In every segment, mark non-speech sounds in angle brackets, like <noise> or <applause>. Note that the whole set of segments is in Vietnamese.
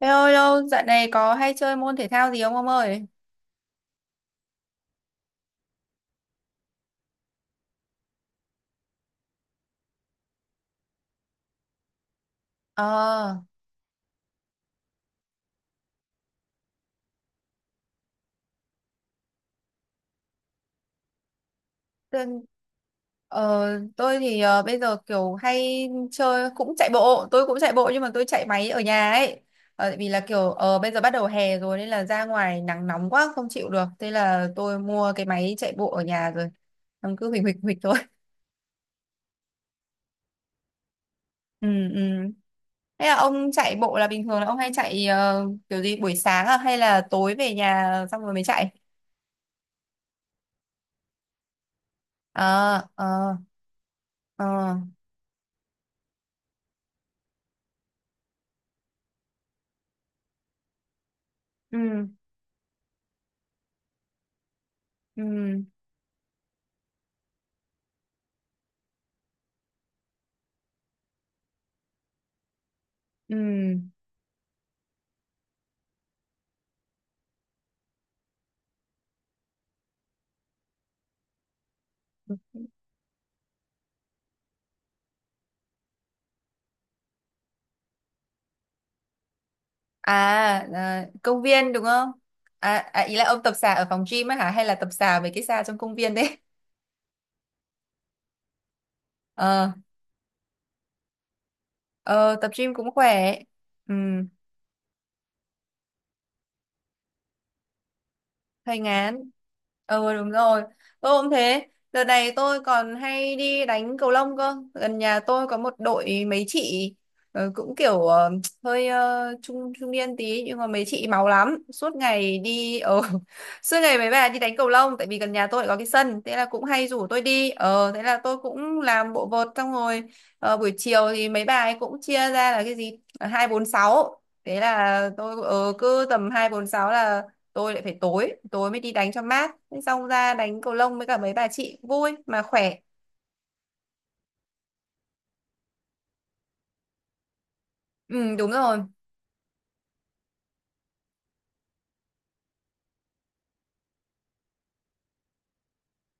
Thế ơi lâu, dạo này có hay chơi môn thể thao gì không ông ơi? Ờ, tôi, ờ, tôi thì bây giờ kiểu hay chơi cũng chạy bộ, tôi cũng chạy bộ nhưng mà tôi chạy máy ở nhà ấy. Tại vì là kiểu bây giờ bắt đầu hè rồi nên là ra ngoài nắng nóng quá không chịu được. Thế là tôi mua cái máy chạy bộ ở nhà rồi. Ông cứ huỳnh huỳnh huỳnh thôi. <laughs> Ừ, ừ. Thế là ông chạy bộ là bình thường là ông hay chạy kiểu gì buổi sáng à hay là tối về nhà xong rồi mới chạy? Ờ, ờ, ờ. Ừ, ừ. Ừ. À, à, công viên đúng không? À, à, ý là ông tập xà ở phòng gym á hả? Hay là tập xà mấy cái xà trong công viên đấy? Ờ, ờ, tập gym cũng khỏe. Ừ. Hoành Án. Ờ, đúng rồi. Tôi cũng thế. Đợt này tôi còn hay đi đánh cầu lông cơ. Gần nhà tôi có một đội mấy chị cũng kiểu hơi trung trung niên tí nhưng mà mấy chị máu lắm. Suốt ngày đi <laughs> suốt ngày mấy bà đi đánh cầu lông tại vì gần nhà tôi lại có cái sân, thế là cũng hay rủ tôi đi. Ờ, thế là tôi cũng làm bộ vợt xong rồi buổi chiều thì mấy bà ấy cũng chia ra là cái gì? Hai, bốn, sáu. Thế là tôi cứ tầm hai, bốn, sáu là tôi lại phải tối tối mới đi đánh cho mát. Thế xong ra đánh cầu lông với cả mấy bà chị vui mà khỏe. Ừ, đúng rồi,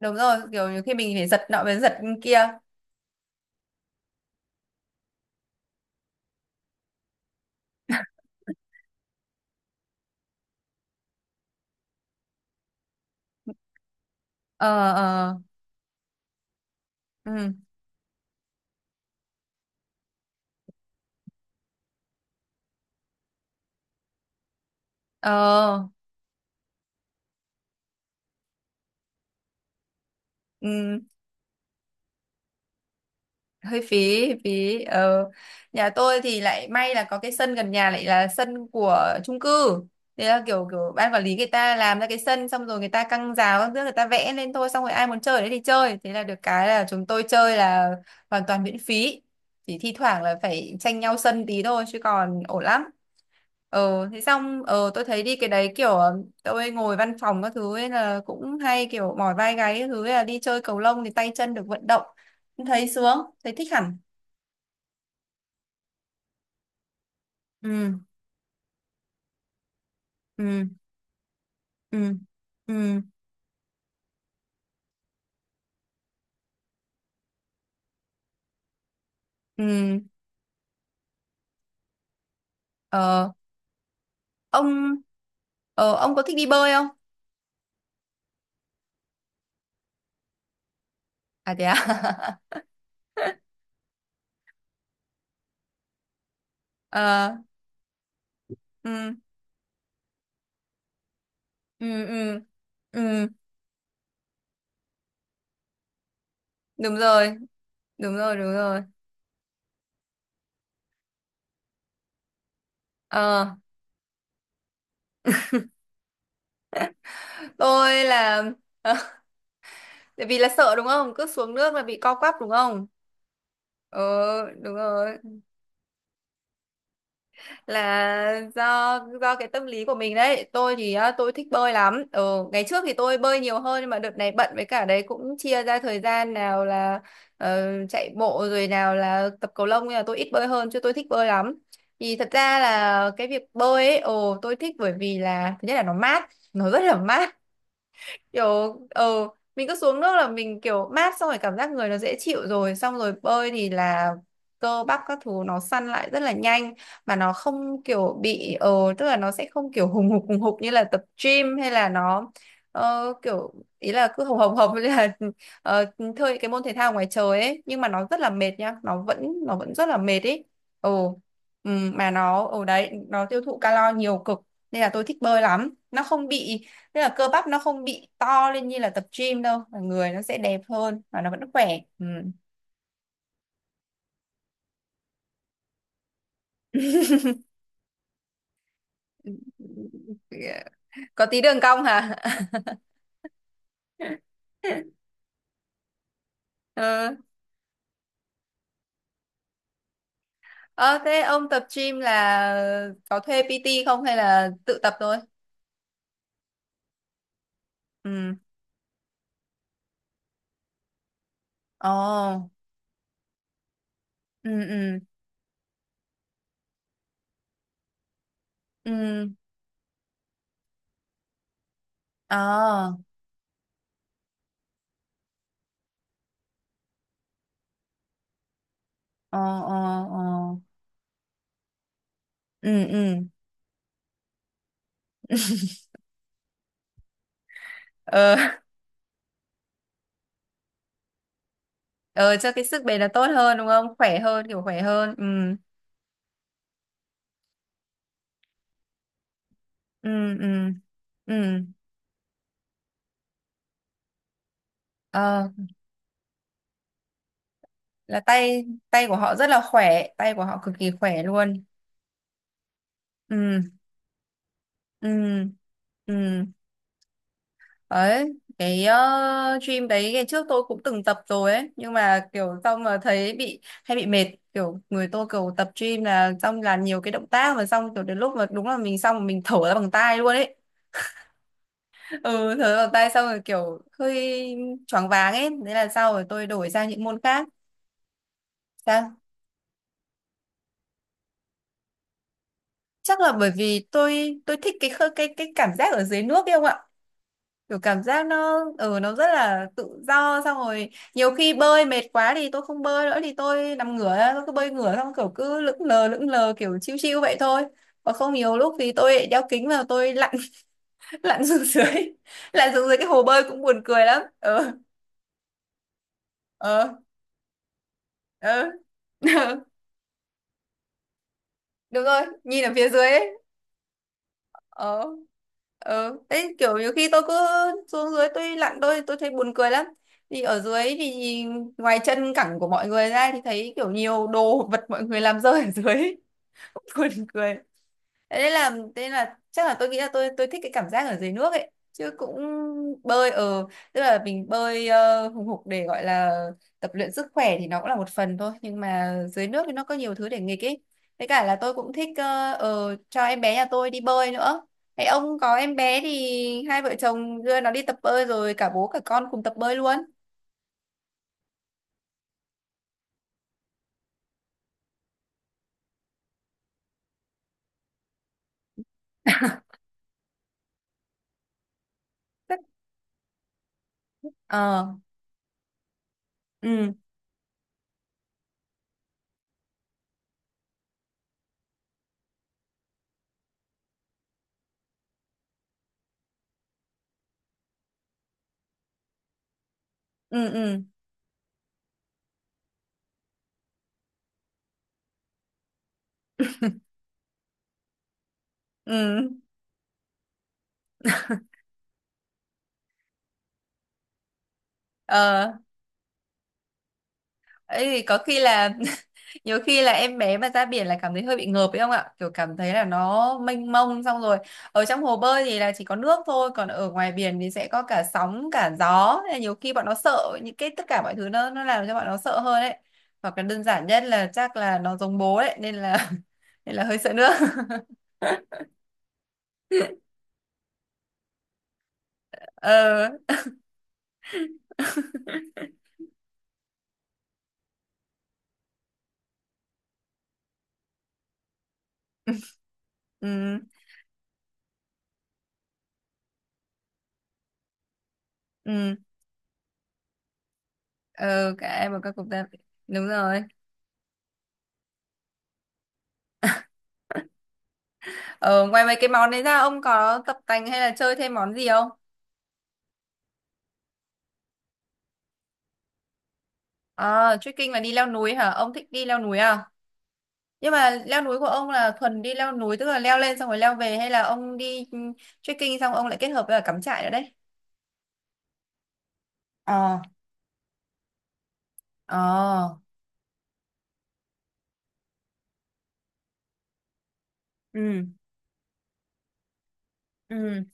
đúng rồi, kiểu như khi mình phải giật nọ với giật kia. Ờ, ờ. Ừ. Ờ. Ừ. Hơi phí, hơi phí. Ờ, nhà tôi thì lại may là có cái sân gần nhà lại là sân của chung cư, thế là kiểu kiểu ban quản lý người ta làm ra cái sân xong rồi người ta căng rào các thứ, người ta vẽ lên thôi, xong rồi ai muốn chơi ở đấy thì chơi, thế là được cái là chúng tôi chơi là hoàn toàn miễn phí, chỉ thi thoảng là phải tranh nhau sân tí thôi chứ còn ổn lắm. Thế xong tôi thấy đi cái đấy kiểu tôi ngồi văn phòng các thứ ấy là cũng hay kiểu mỏi vai gáy các thứ ấy, là đi chơi cầu lông thì tay chân được vận động, thấy sướng, thấy thích hẳn. Ừ, ừ, ừ, ừ, ừ. Ờ, ông ông có thích đi bơi không? À, thế à? <laughs> Ờ, ừ, ừ, ừ, ừ. Đúng rồi, đúng rồi, đúng rồi. Ờ, tôi là <laughs> tại vì là sợ đúng không, cứ xuống nước là bị co quắp đúng không? Ờ, đúng rồi, là do cái tâm lý của mình đấy. Tôi thì á, tôi thích bơi lắm. Ừ, ngày trước thì tôi bơi nhiều hơn nhưng mà đợt này bận, với cả đấy cũng chia ra thời gian nào là chạy bộ rồi nào là tập cầu lông, nhưng mà tôi ít bơi hơn chứ tôi thích bơi lắm. Thì thật ra là cái việc bơi ấy, ồ tôi thích bởi vì là thứ nhất là nó mát, nó rất là mát. Kiểu mình cứ xuống nước là mình kiểu mát, xong rồi cảm giác người nó dễ chịu, rồi xong rồi bơi thì là cơ bắp các thứ nó săn lại rất là nhanh, mà nó không kiểu bị tức là nó sẽ không kiểu hùng hục như là tập gym, hay là nó kiểu, ý là cứ hồng hồng hồng như là <laughs> ờ, chơi cái môn thể thao ngoài trời ấy nhưng mà nó rất là mệt nha, nó vẫn, nó vẫn rất là mệt ấy. Ồ, ừ, mà nó ở đấy nó tiêu thụ calo nhiều cực, nên là tôi thích bơi lắm, nó không bị. Tức là cơ bắp nó không bị to lên như là tập gym đâu, mà người nó sẽ đẹp hơn và nó vẫn khỏe. Ừ. Có tí đường cong hả? <laughs> Ờ. Ờ, thế ông tập gym là có thuê PT không hay là tự tập thôi? Ừ, ồ, ừ, ừ, ừ, ờ, ờ, ờ, ờ, ừ, ừ, ờ. <laughs> Ờ, cho cái sức bền là tốt hơn đúng không, khỏe hơn, kiểu khỏe hơn. Ừ, ừ, ừ, ừ, Ờ, là tay tay của họ rất là khỏe, tay của họ cực kỳ khỏe luôn. Ừ, ừ, ừ. Đấy, cái gym đấy ngày trước tôi cũng từng tập rồi ấy nhưng mà kiểu xong mà thấy bị hay bị mệt, kiểu người tôi kiểu tập gym là xong làm nhiều cái động tác mà xong kiểu đến lúc mà đúng là mình xong rồi mình thở ra bằng tai luôn ấy. Ừ, thở ra bằng tai xong rồi kiểu hơi choáng váng ấy, thế là sau rồi tôi đổi sang những môn khác. Sao? Chắc là bởi vì tôi thích cái cái cảm giác ở dưới nước ấy không ạ, kiểu cảm giác nó ừ nó rất là tự do, xong rồi nhiều khi bơi mệt quá thì tôi không bơi nữa thì tôi nằm ngửa ra, tôi cứ bơi ngửa xong kiểu cứ lững lờ kiểu chiêu chiêu vậy thôi. Còn không nhiều lúc thì tôi lại đeo kính vào tôi lặn. <laughs> Lặn xuống dưới. <laughs> Lặn xuống dưới cái hồ bơi cũng buồn cười lắm. Ờ, ờ, ờ. <laughs> Đúng rồi, nhìn ở phía dưới ấy. Ờ, ờ thế kiểu nhiều khi tôi cứ xuống dưới tôi lặn tôi thấy buồn cười lắm. Thì ở dưới thì ngoài chân cẳng của mọi người ra thì thấy kiểu nhiều đồ <laughs> vật mọi người làm rơi ở dưới. <laughs> Buồn cười. Thế nên là thế là chắc là tôi nghĩ là tôi thích cái cảm giác ở dưới nước ấy chứ cũng bơi ở, tức là mình bơi hùng hục để gọi là tập luyện sức khỏe thì nó cũng là một phần thôi nhưng mà dưới nước thì nó có nhiều thứ để nghịch ấy. Với cả là tôi cũng thích cho em bé nhà tôi đi bơi nữa. Thế ông có em bé thì hai vợ chồng đưa nó đi tập bơi rồi, cả bố cả con cùng tập bơi luôn. <laughs> Ờ, ừ, ừ, ừ, ừ. Ờ, ấy có khi là <laughs> nhiều khi là em bé mà ra biển là cảm thấy hơi bị ngợp ấy không ạ, kiểu cảm thấy là nó mênh mông, xong rồi ở trong hồ bơi thì là chỉ có nước thôi, còn ở ngoài biển thì sẽ có cả sóng cả gió. Nên là nhiều khi bọn nó sợ những cái tất cả mọi thứ nó làm cho bọn nó sợ hơn ấy, hoặc là đơn giản nhất là chắc là nó giống bố ấy nên là <laughs> nên là hơi sợ nước. <laughs> Ờ, ừ, ừ. Ờ, cả em và các cục ta. Đúng rồi. Ờ, ngoài mấy cái món đấy ra ông có tập tành hay là chơi thêm món gì không? À, trekking là đi leo núi hả? Ông thích đi leo núi à? Nhưng mà leo núi của ông là thuần đi leo núi tức là leo lên xong rồi leo về, hay là ông đi trekking xong ông lại kết hợp với cả cắm trại nữa đấy? Ờ, ờ, ừ, ừ,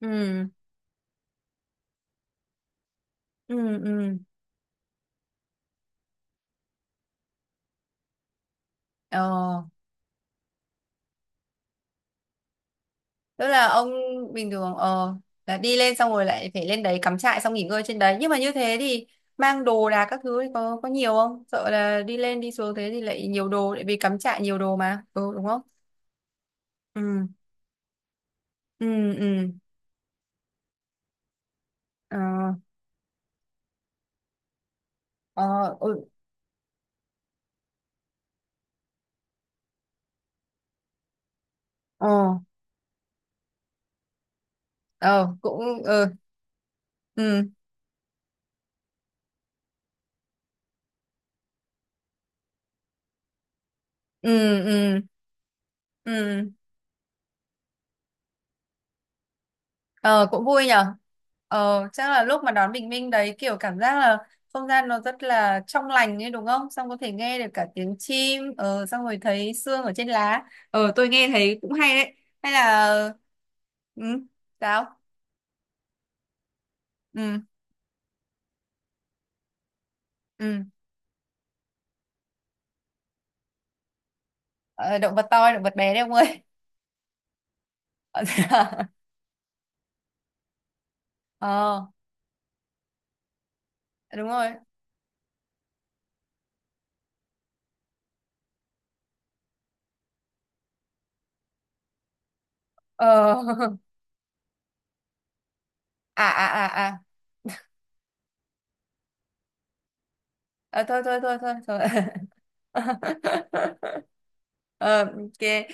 ừ, ừ, ừ. Ờ, tức là ông bình thường là đi lên xong rồi lại phải lên đấy cắm trại xong nghỉ ngơi trên đấy. Nhưng mà như thế thì mang đồ đạc các thứ thì có nhiều không? Sợ là đi lên đi xuống thế thì lại nhiều đồ tại vì cắm trại nhiều đồ mà. Ừ đúng không? Ừ, ừ, ừ. Ờ. Ờ. Ừ. Ờ. Ờ cũng ừ. Ừ, ừ, ừ, ừ. Ờ, cũng vui nhở. Ờ, chắc là lúc mà đón bình minh đấy kiểu cảm giác là không gian nó rất là trong lành ấy đúng không, xong có thể nghe được cả tiếng chim xong rồi thấy sương ở trên lá. Ờ, tôi nghe thấy cũng hay đấy. Hay là ừ. Sao? Ừ, ừ. Ờ, động vật to hay động vật bé đấy ông ơi? <laughs> Ờ, đúng rồi. Ờ. <laughs> À, à, à, à. À, thôi thôi thôi thôi thôi. <laughs> Ờ, ok.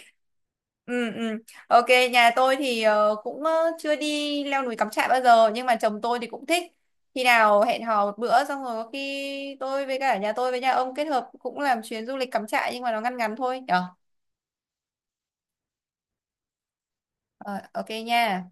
Ừ, ừ. Ok. Nhà tôi thì cũng chưa đi leo núi cắm trại bao giờ nhưng mà chồng tôi thì cũng thích. Khi nào hẹn hò một bữa xong rồi có khi tôi với cả nhà tôi với nhà ông kết hợp cũng làm chuyến du lịch cắm trại nhưng mà nó ngăn ngắn thôi nhở. Ờ, ok nha.